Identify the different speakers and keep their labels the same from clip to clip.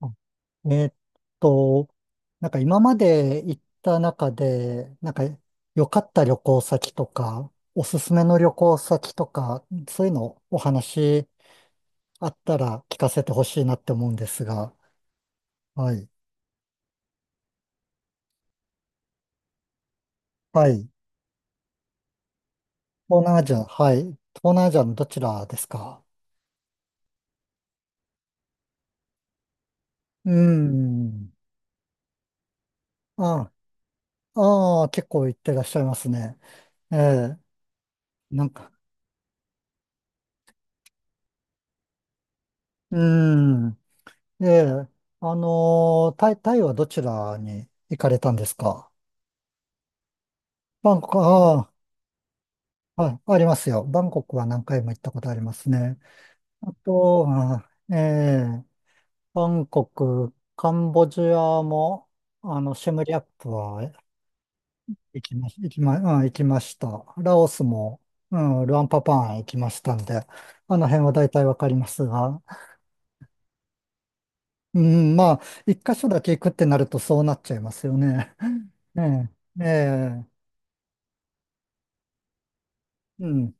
Speaker 1: あえーっと、なんか今まで行った中で、なんか良かった旅行先とか、おすすめの旅行先とか、そういうのお話あったら聞かせてほしいなって思うんですが、はい。はい。東南アジア、はい。東南アジアのどちらですか？うーん。ああ、ああ、結構行ってらっしゃいますね。ええ、なんか、うーん。ええ、タイはどちらに行かれたんですか？バンコク、ああ、はい、ありますよ。バンコクは何回も行ったことありますね。あと、あ、ええ、バンコク、カンボジアも、シェムリアップは行きま、行きま、うん、行きました。ラオスも、うん、ルアンパパン行きましたんで、あの辺は大体わかりますが、うん、まあ、一箇所だけ行くってなるとそうなっちゃいますよね。ええ、ええ、うん。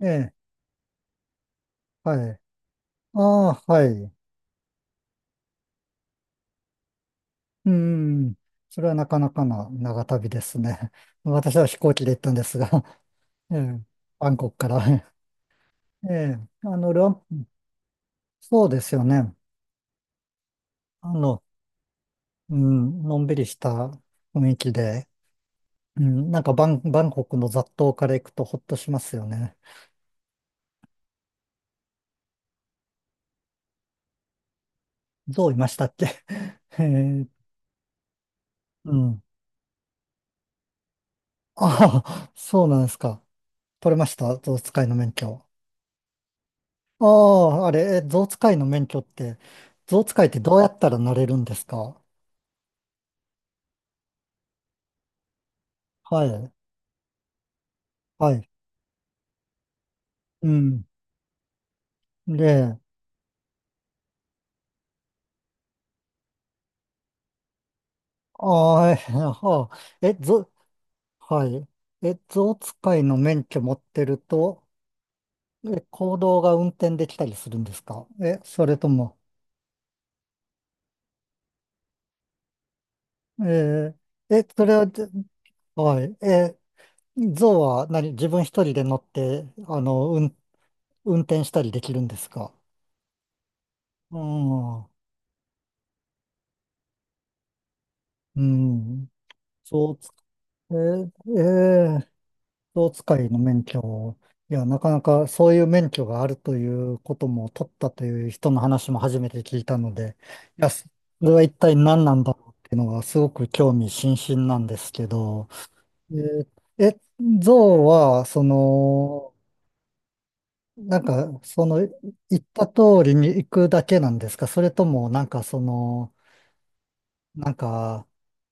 Speaker 1: ええ。はい。ああ、はい。うん。それはなかなかな長旅ですね。私は飛行機で行ったんですが、ええ。バンコクから。ええ。あの、ルアン、そうですよね。あの、うん、のんびりした雰囲気で、うん、なんかバンコクの雑踏から行くとほっとしますよね。ゾウいましたっけ？ ええ、うん。ああ、そうなんですか。取れました、ゾウ使いの免許。ああ、あれ、え、象使いの免許って、象使いってどうやったらなれるんですか？はい、はい、うん。で、ああ、え、はあ、え、象、はい。え、象使いの免許持ってると、え、行動が運転できたりするんですか？え、それとも、ええ、それは、はい、え、象は何、自分一人で乗って、運転したりできるんですか？うん、うん。象えー、えー、象使いの免許を、いや、なかなかそういう免許があるということも取ったという人の話も初めて聞いたので、いや、それは一体何なんだろうっていうのがすごく興味津々なんですけど、えー、え、象は、その、なんか、その、言った通りに行くだけなんですか？それとも、なんかその、なんか、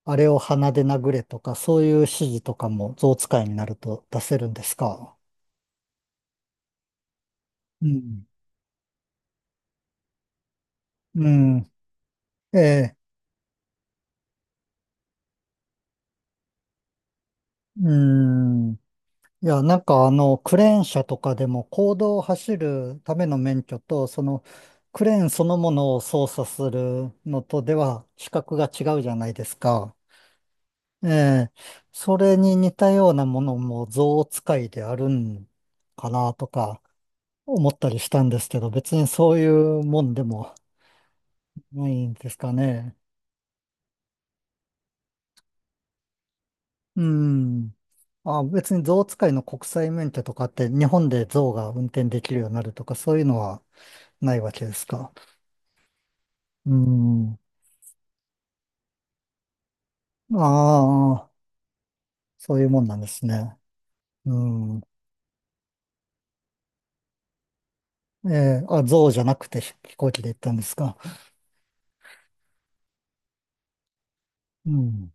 Speaker 1: あれを鼻で殴れとか、そういう指示とかも象使いになると出せるんですか？うん。うん。ええ。うん。いや、なんかあの、クレーン車とかでも、公道を走るための免許と、その、クレーンそのものを操作するのとでは、資格が違うじゃないですか。ええ。それに似たようなものも、象使いであるんかなとか、思ったりしたんですけど、別にそういうもんでもないんですかね。うん。あ、別に象使いの国際免許とかって日本で象が運転できるようになるとかそういうのはないわけですか。うん。ああ、そういうもんなんですね。うん。ええ、あ、象じゃなくて飛行機で行ったんですか。うん。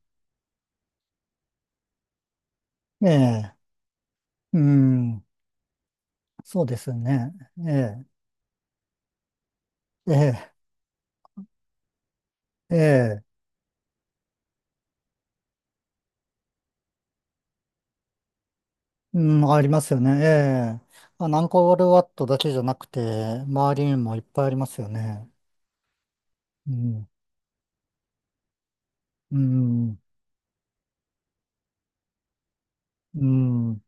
Speaker 1: ええ、うん。そうですよね。ええ、ええ、ええ、うん、ありますよね。ええ、あの、アンコールワットだけじゃなくて、周りにもいっぱいありますよね。うん。うん。うん。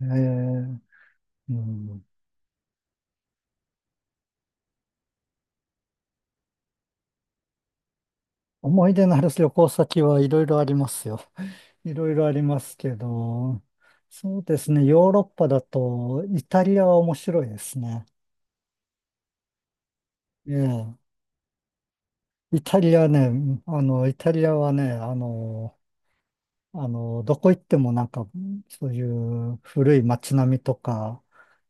Speaker 1: ええ、うん。思い出のある旅行先はいろいろありますよ。いろいろありますけど、そうですね、ヨーロッパだとイタリアは面白いですね。ええ、イタリアはね、どこ行ってもなんか、そういう古い街並みとか、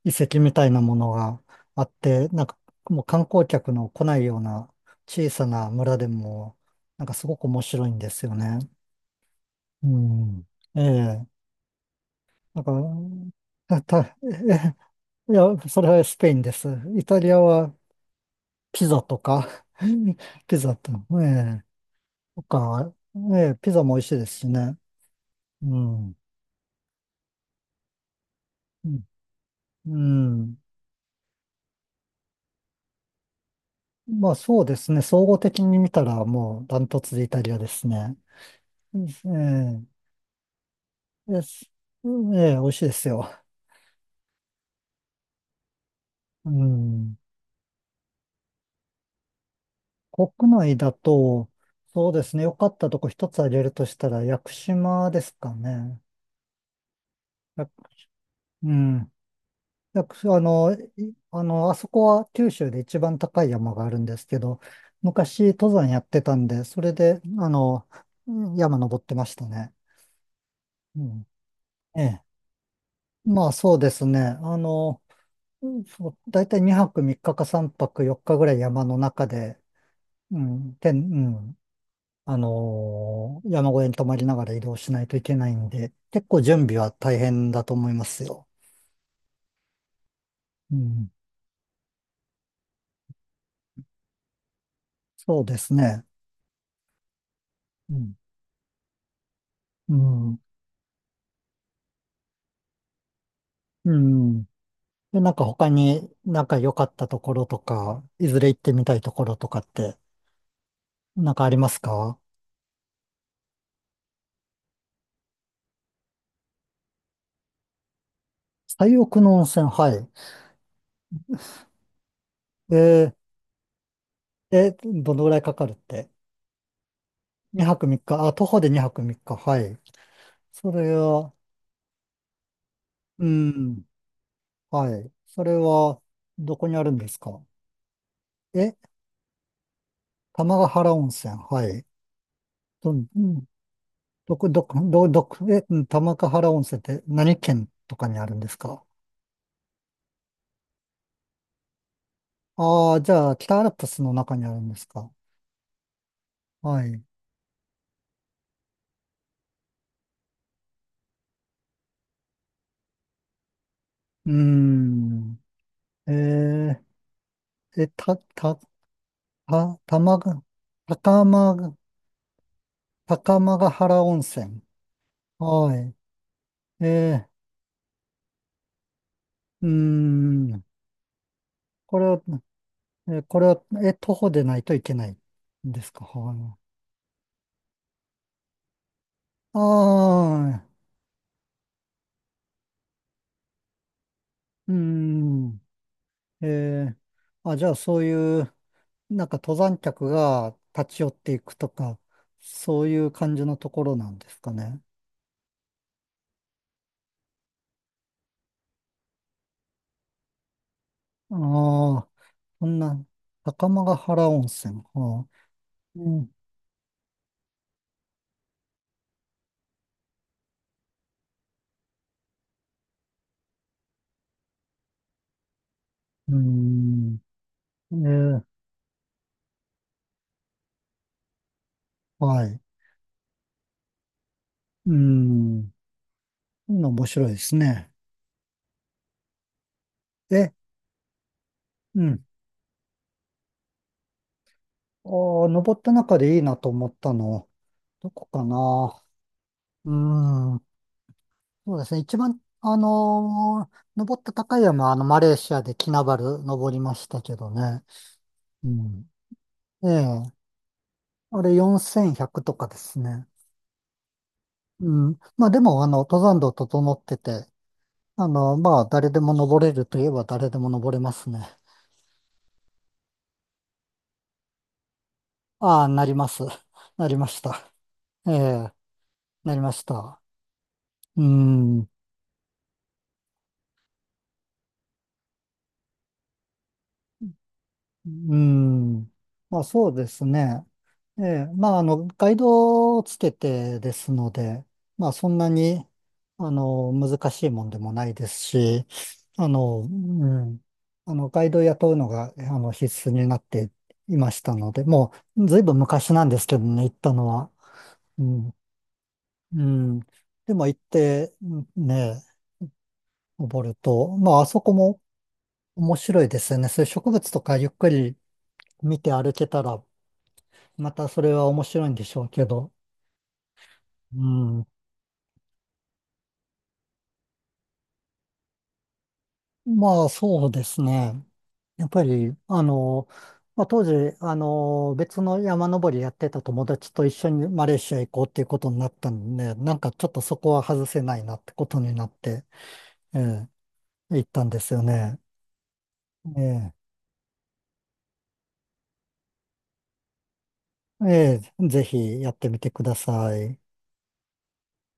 Speaker 1: 遺跡みたいなものがあって、なんかもう観光客の来ないような小さな村でも、なんかすごく面白いんですよね。うん。ええ。なんか、た、たええ、いや、それはスペインです。イタリアはピザとか、ピザと、ええ、とか、ええ、ピザも美味しいですしね。うん。うん。うん、まあそうですね。総合的に見たらもうダントツでイタリアですね。うん、ええ、です。うん、ええ、美味しいですよ。うん。国内だと、そうですね。良かったとこ一つ挙げるとしたら、屋久島ですかね。やうん。屋久あの、いあの、あそこは九州で一番高い山があるんですけど、昔登山やってたんで、それで、うん、山登ってましたね。うん。ええ。まあそうですね。うん、そう、だいたい2泊3日か3泊4日ぐらい山の中で、うん、うん、山小屋に泊まりながら移動しないといけないんで、結構準備は大変だと思いますよ。うん、そうですね。うん、うん、うん。で、なんか他になんか良かったところとか、いずれ行ってみたいところとかって、なんかありますか？最奥の温泉、はい。えー、え、どのぐらいかかるって？ 2 泊3日、あ、徒歩で2泊3日、はい。それは、うん、はい。それは、どこにあるんですか？え、玉ヶ原温泉、はい。うん、どこ、うん、玉ヶ原温泉って何県とかにあるんですか？ああー、じゃあ、北アルプスの中にあるんですか？はい。うーん。えー、え、た、た、た、玉が、高間、高間ヶ原温泉。はい。えー、うーん。これはえ、これは、え、徒歩でないといけないんですか？はい。ああ、うん。えーあ、じゃあそういう、なんか登山客が立ち寄っていくとか、そういう感じのところなんですかね。ああ、そんな、高間原温泉。はあ、うん、うん。えーはい。うん。面白いですね。え、うん。ああ、登った中でいいなと思ったの、どこかな。うーん、そうですね。一番、登った高い山は、マレーシアでキナバル登りましたけどね。うん。ええ、あれ4100とかですね。うん。まあでも、登山道整ってて、まあ、誰でも登れるといえば誰でも登れますね。ああ、なります。なりました。ええ、なりました。うん。うん。まあそうですね。ええ、まあ、ガイドをつけてですので、まあそんなに、難しいもんでもないですし、あの、うん、ガイドを雇うのが、必須になっていましたので、もう、ずいぶん昔なんですけどね、行ったのは。うん、うん。でも行って、うんね、登ると、まああそこも面白いですよね。そういう植物とかゆっくり見て歩けたら、またそれは面白いんでしょうけど。うん。まあそうですね。やっぱり、まあ、当時、別の山登りやってた友達と一緒にマレーシア行こうっていうことになったんで、なんかちょっとそこは外せないなってことになって、ええ、行ったんですよね。ええ、ええ、ぜひやってみてください。